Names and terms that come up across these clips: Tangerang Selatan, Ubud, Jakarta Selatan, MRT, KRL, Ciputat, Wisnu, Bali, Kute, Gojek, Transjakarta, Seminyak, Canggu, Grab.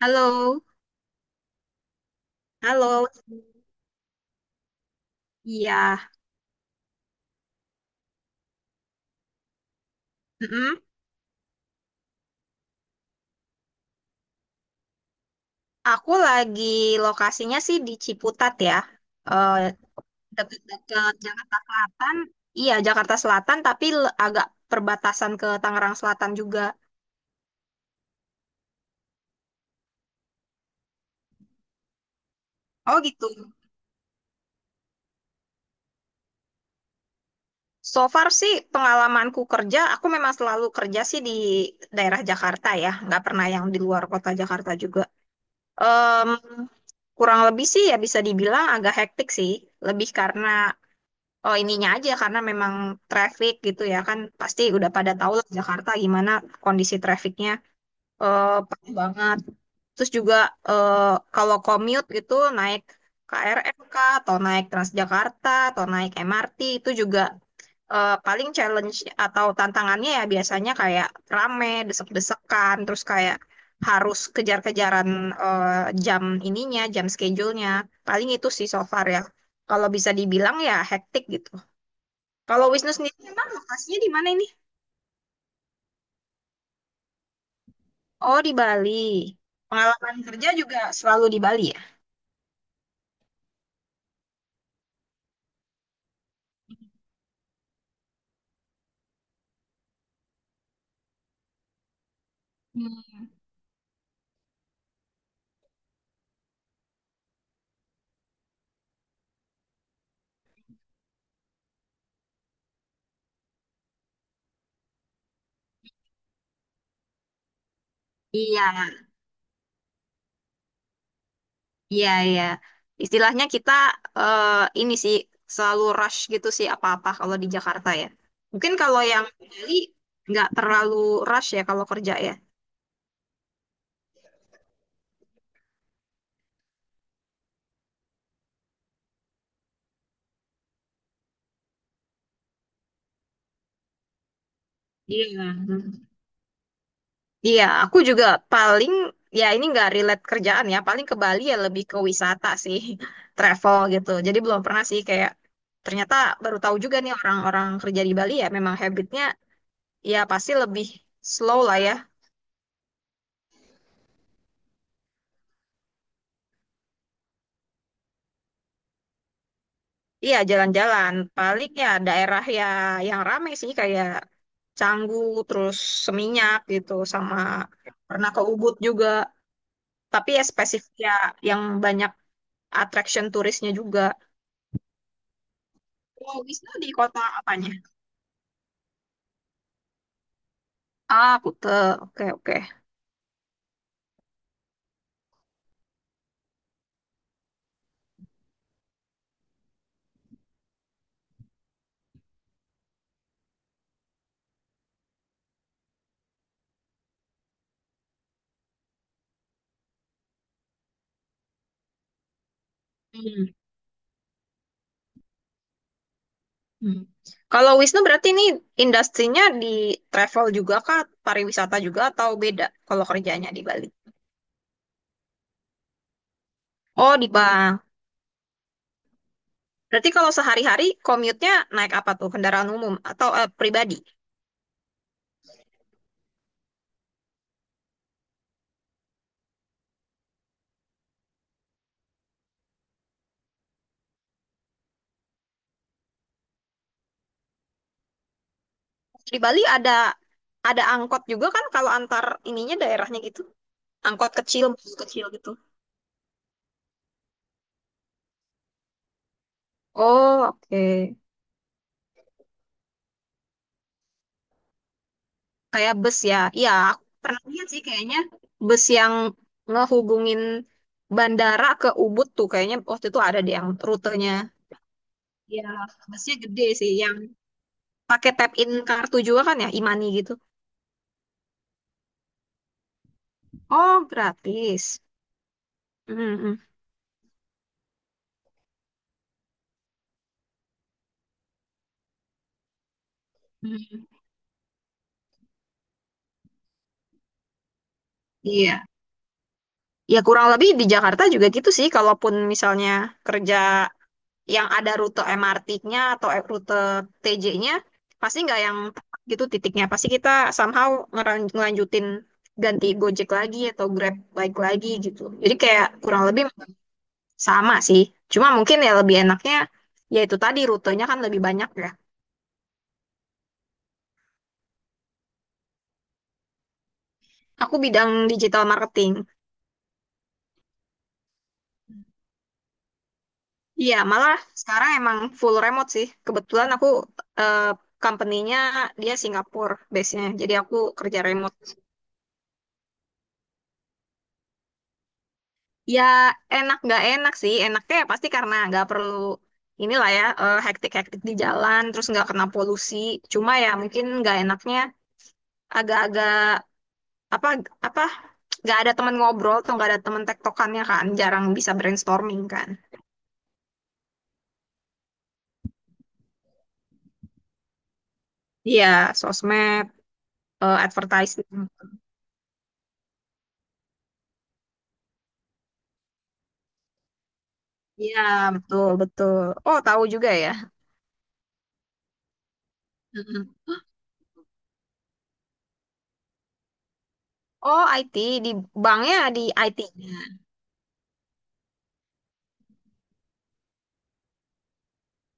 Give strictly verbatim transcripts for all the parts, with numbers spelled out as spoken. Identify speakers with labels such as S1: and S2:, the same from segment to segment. S1: Halo, halo. Iya, mm-mm. Aku lagi Lokasinya sih di Ciputat ya, Eh dekat-dekat Jakarta Selatan. Iya, Jakarta Selatan, tapi le- agak perbatasan ke Tangerang Selatan juga. Oh gitu. So far sih pengalamanku kerja, aku memang selalu kerja sih di daerah Jakarta ya, nggak pernah yang di luar kota Jakarta juga. Em, Kurang lebih sih ya bisa dibilang agak hektik sih, lebih karena Oh ininya aja karena memang traffic gitu ya, kan pasti udah pada tahu lah Jakarta gimana kondisi trafficnya, eh parah banget. Terus juga eh kalau commute gitu naik K R L kah atau naik Transjakarta atau naik M R T itu juga eh, paling challenge atau tantangannya ya biasanya kayak rame, desek-desekan, terus kayak harus kejar-kejaran, eh, jam ininya, jam schedule-nya. Paling itu sih so far ya. Kalau bisa dibilang ya hektik gitu. Kalau Wisnu sendiri emang lokasinya di mana ini? Oh, di Bali. Pengalaman kerja juga selalu di Bali ya? Hmm. Iya, iya, iya. Istilahnya kita, eh, ini sih, selalu rush gitu sih apa-apa kalau di Jakarta ya. Mungkin kalau yang di Bali nggak terlalu rush ya kalau kerja ya. Iya. Iya, aku juga paling ya ini nggak relate kerjaan ya, paling ke Bali ya lebih ke wisata sih, travel gitu. Jadi belum pernah sih kayak ternyata baru tahu juga nih orang-orang kerja di Bali ya memang habitnya ya pasti lebih slow lah ya. Iya, jalan-jalan. Paling ya daerah ya yang ramai sih kayak Canggu, terus Seminyak gitu, sama pernah ke Ubud juga. Tapi ya spesifik ya yang banyak attraction turisnya juga. Kalau Wisnu di kota apanya? Ah, Kute. Oke, oke. Hmm, hmm. Kalau Wisnu berarti ini industrinya di travel juga kah, pariwisata juga, atau beda kalau kerjanya di Bali? Oh, di bank. Berarti kalau sehari-hari commute-nya naik apa tuh? Kendaraan umum atau eh, pribadi? Di Bali ada ada angkot juga kan kalau antar ininya daerahnya gitu. Angkot kecil, bus kecil gitu. Oh, oke. Kayak bus ya. Iya, aku pernah lihat sih kayaknya bus yang ngehubungin bandara ke Ubud tuh kayaknya waktu itu ada deh yang rutenya. Iya, busnya gede sih yang pakai tap in kartu juga kan ya, e-money gitu. Oh, gratis. Mm, mm, mm. Iya. Ya kurang lebih di Jakarta juga gitu sih kalaupun misalnya kerja yang ada rute M R T-nya atau eh, rute T J-nya, pasti nggak yang tepat gitu titiknya, pasti kita somehow ngeran- ngelanjutin ganti Gojek lagi atau Grab bike lagi gitu, jadi kayak kurang lebih sama sih, cuma mungkin ya lebih enaknya ya itu tadi rutenya kan lebih banyak ya. Aku bidang digital marketing. Iya, malah sekarang emang full remote sih, kebetulan aku, eh, company-nya dia Singapura base-nya, jadi aku kerja remote. Ya enak nggak enak sih. Enaknya ya pasti karena nggak perlu inilah ya, eh, hektik-hektik di jalan, terus nggak kena polusi. Cuma ya mungkin nggak enaknya agak-agak, apa apa nggak ada teman ngobrol atau nggak ada teman tektokannya kan, jarang bisa brainstorming kan. Iya, sosmed, eh, advertising. Iya, betul betul. Oh tahu juga ya. Oh I T. Di banknya di I T-nya.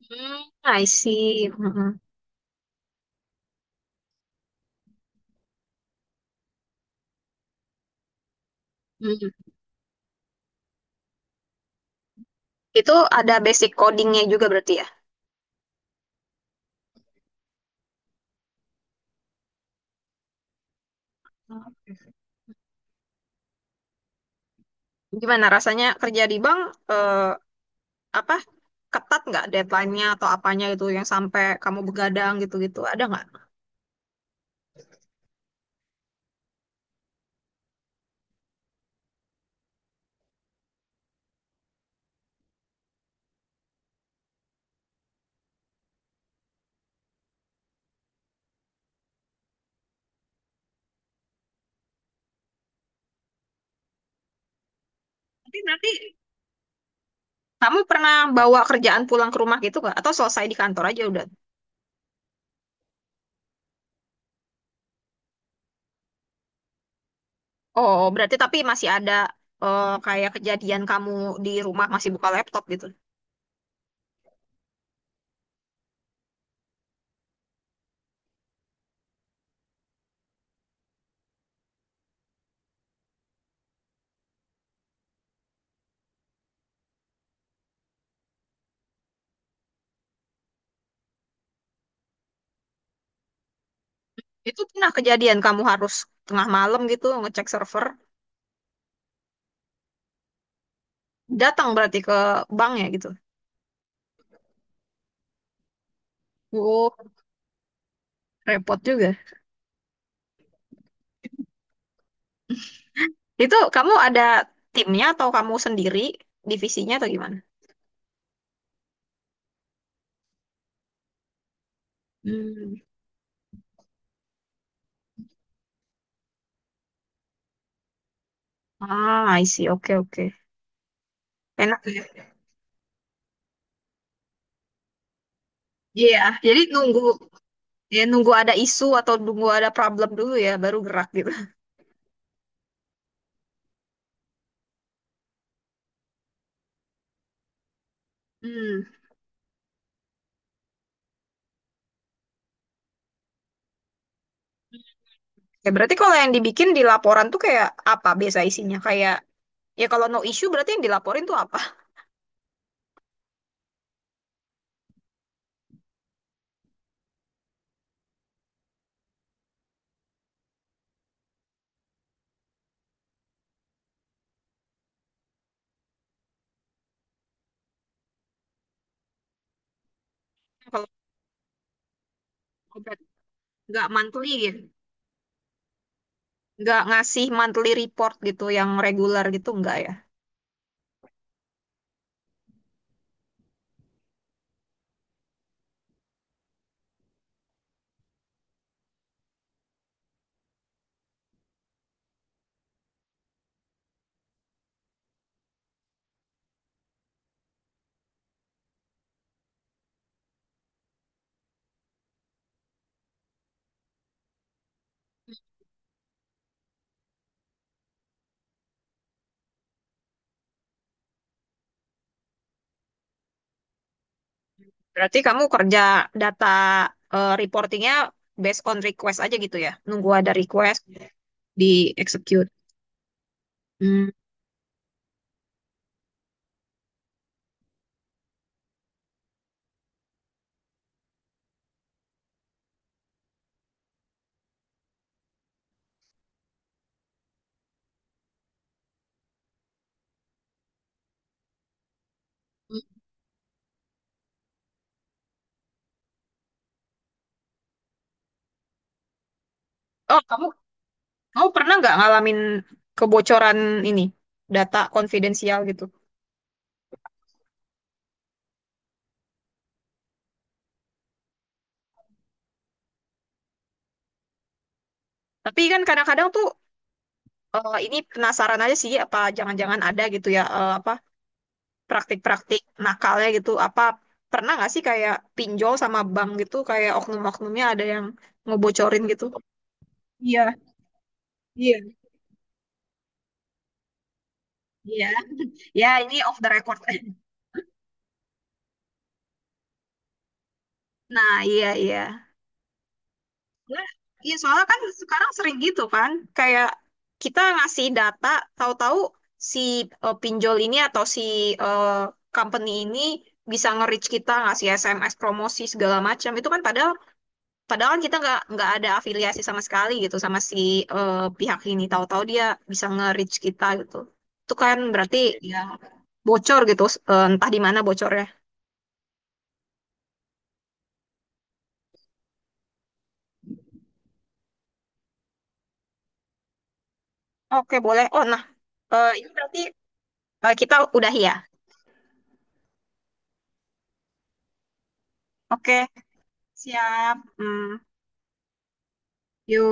S1: Hmm, I see. Mm-mm. Mm. Itu ada basic codingnya juga berarti ya. Gimana rasanya kerja di bank, eh, apa ketat nggak deadline-nya atau apanya itu yang sampai kamu begadang gitu-gitu ada nggak? Tapi berarti kamu pernah bawa kerjaan pulang ke rumah gitu nggak? Atau selesai di kantor aja udah? Oh berarti tapi masih ada, eh, kayak kejadian kamu di rumah masih buka laptop gitu? Itu pernah kejadian kamu harus tengah malam gitu ngecek server, datang berarti ke bank ya gitu? Oh repot juga. Itu kamu ada timnya atau kamu sendiri divisinya atau gimana? Hmm. Ah, I see. Oke, oke. Enak ya. Iya, jadi nunggu, ya nunggu ada isu atau nunggu ada problem dulu ya baru gerak gitu. Hmm. Ya berarti kalau yang dibikin di laporan tuh kayak apa biasa isinya? Kayak ya kalau no issue berarti yang dilaporin tuh apa? Kalau obat nggak monthly gitu. Nggak ngasih monthly report gitu yang regular gitu enggak ya? Berarti kamu kerja data, eh, reportingnya based on request aja gitu ya? Nunggu ada request di execute. Hmm. Oh, kamu, kamu pernah nggak ngalamin kebocoran ini, data konfidensial gitu? Tapi kan kadang-kadang tuh, eh, ini penasaran aja sih apa jangan-jangan ada gitu ya, eh, apa praktik-praktik nakalnya gitu? Apa pernah nggak sih kayak pinjol sama bank gitu kayak oknum-oknumnya ada yang ngebocorin gitu? Iya, iya, iya. Ya, ini off the record. Nah, iya, iya. Nah, iya, soalnya kan sekarang sering gitu kan, kayak kita ngasih data, tahu-tahu si, eh, pinjol ini atau si, eh, company ini bisa nge-reach kita, ngasih S M S promosi segala macam. Itu kan padahal, padahal kan kita nggak, nggak ada afiliasi sama sekali gitu sama si, eh, pihak ini. Tahu-tahu dia bisa nge-reach kita gitu. Itu kan berarti ya bocor gitu, s- eh, entah di mana bocornya. Oke, boleh. Oh, nah, eh, ini berarti, eh, kita udah ya. Oke, siap. Hmm. Yuk.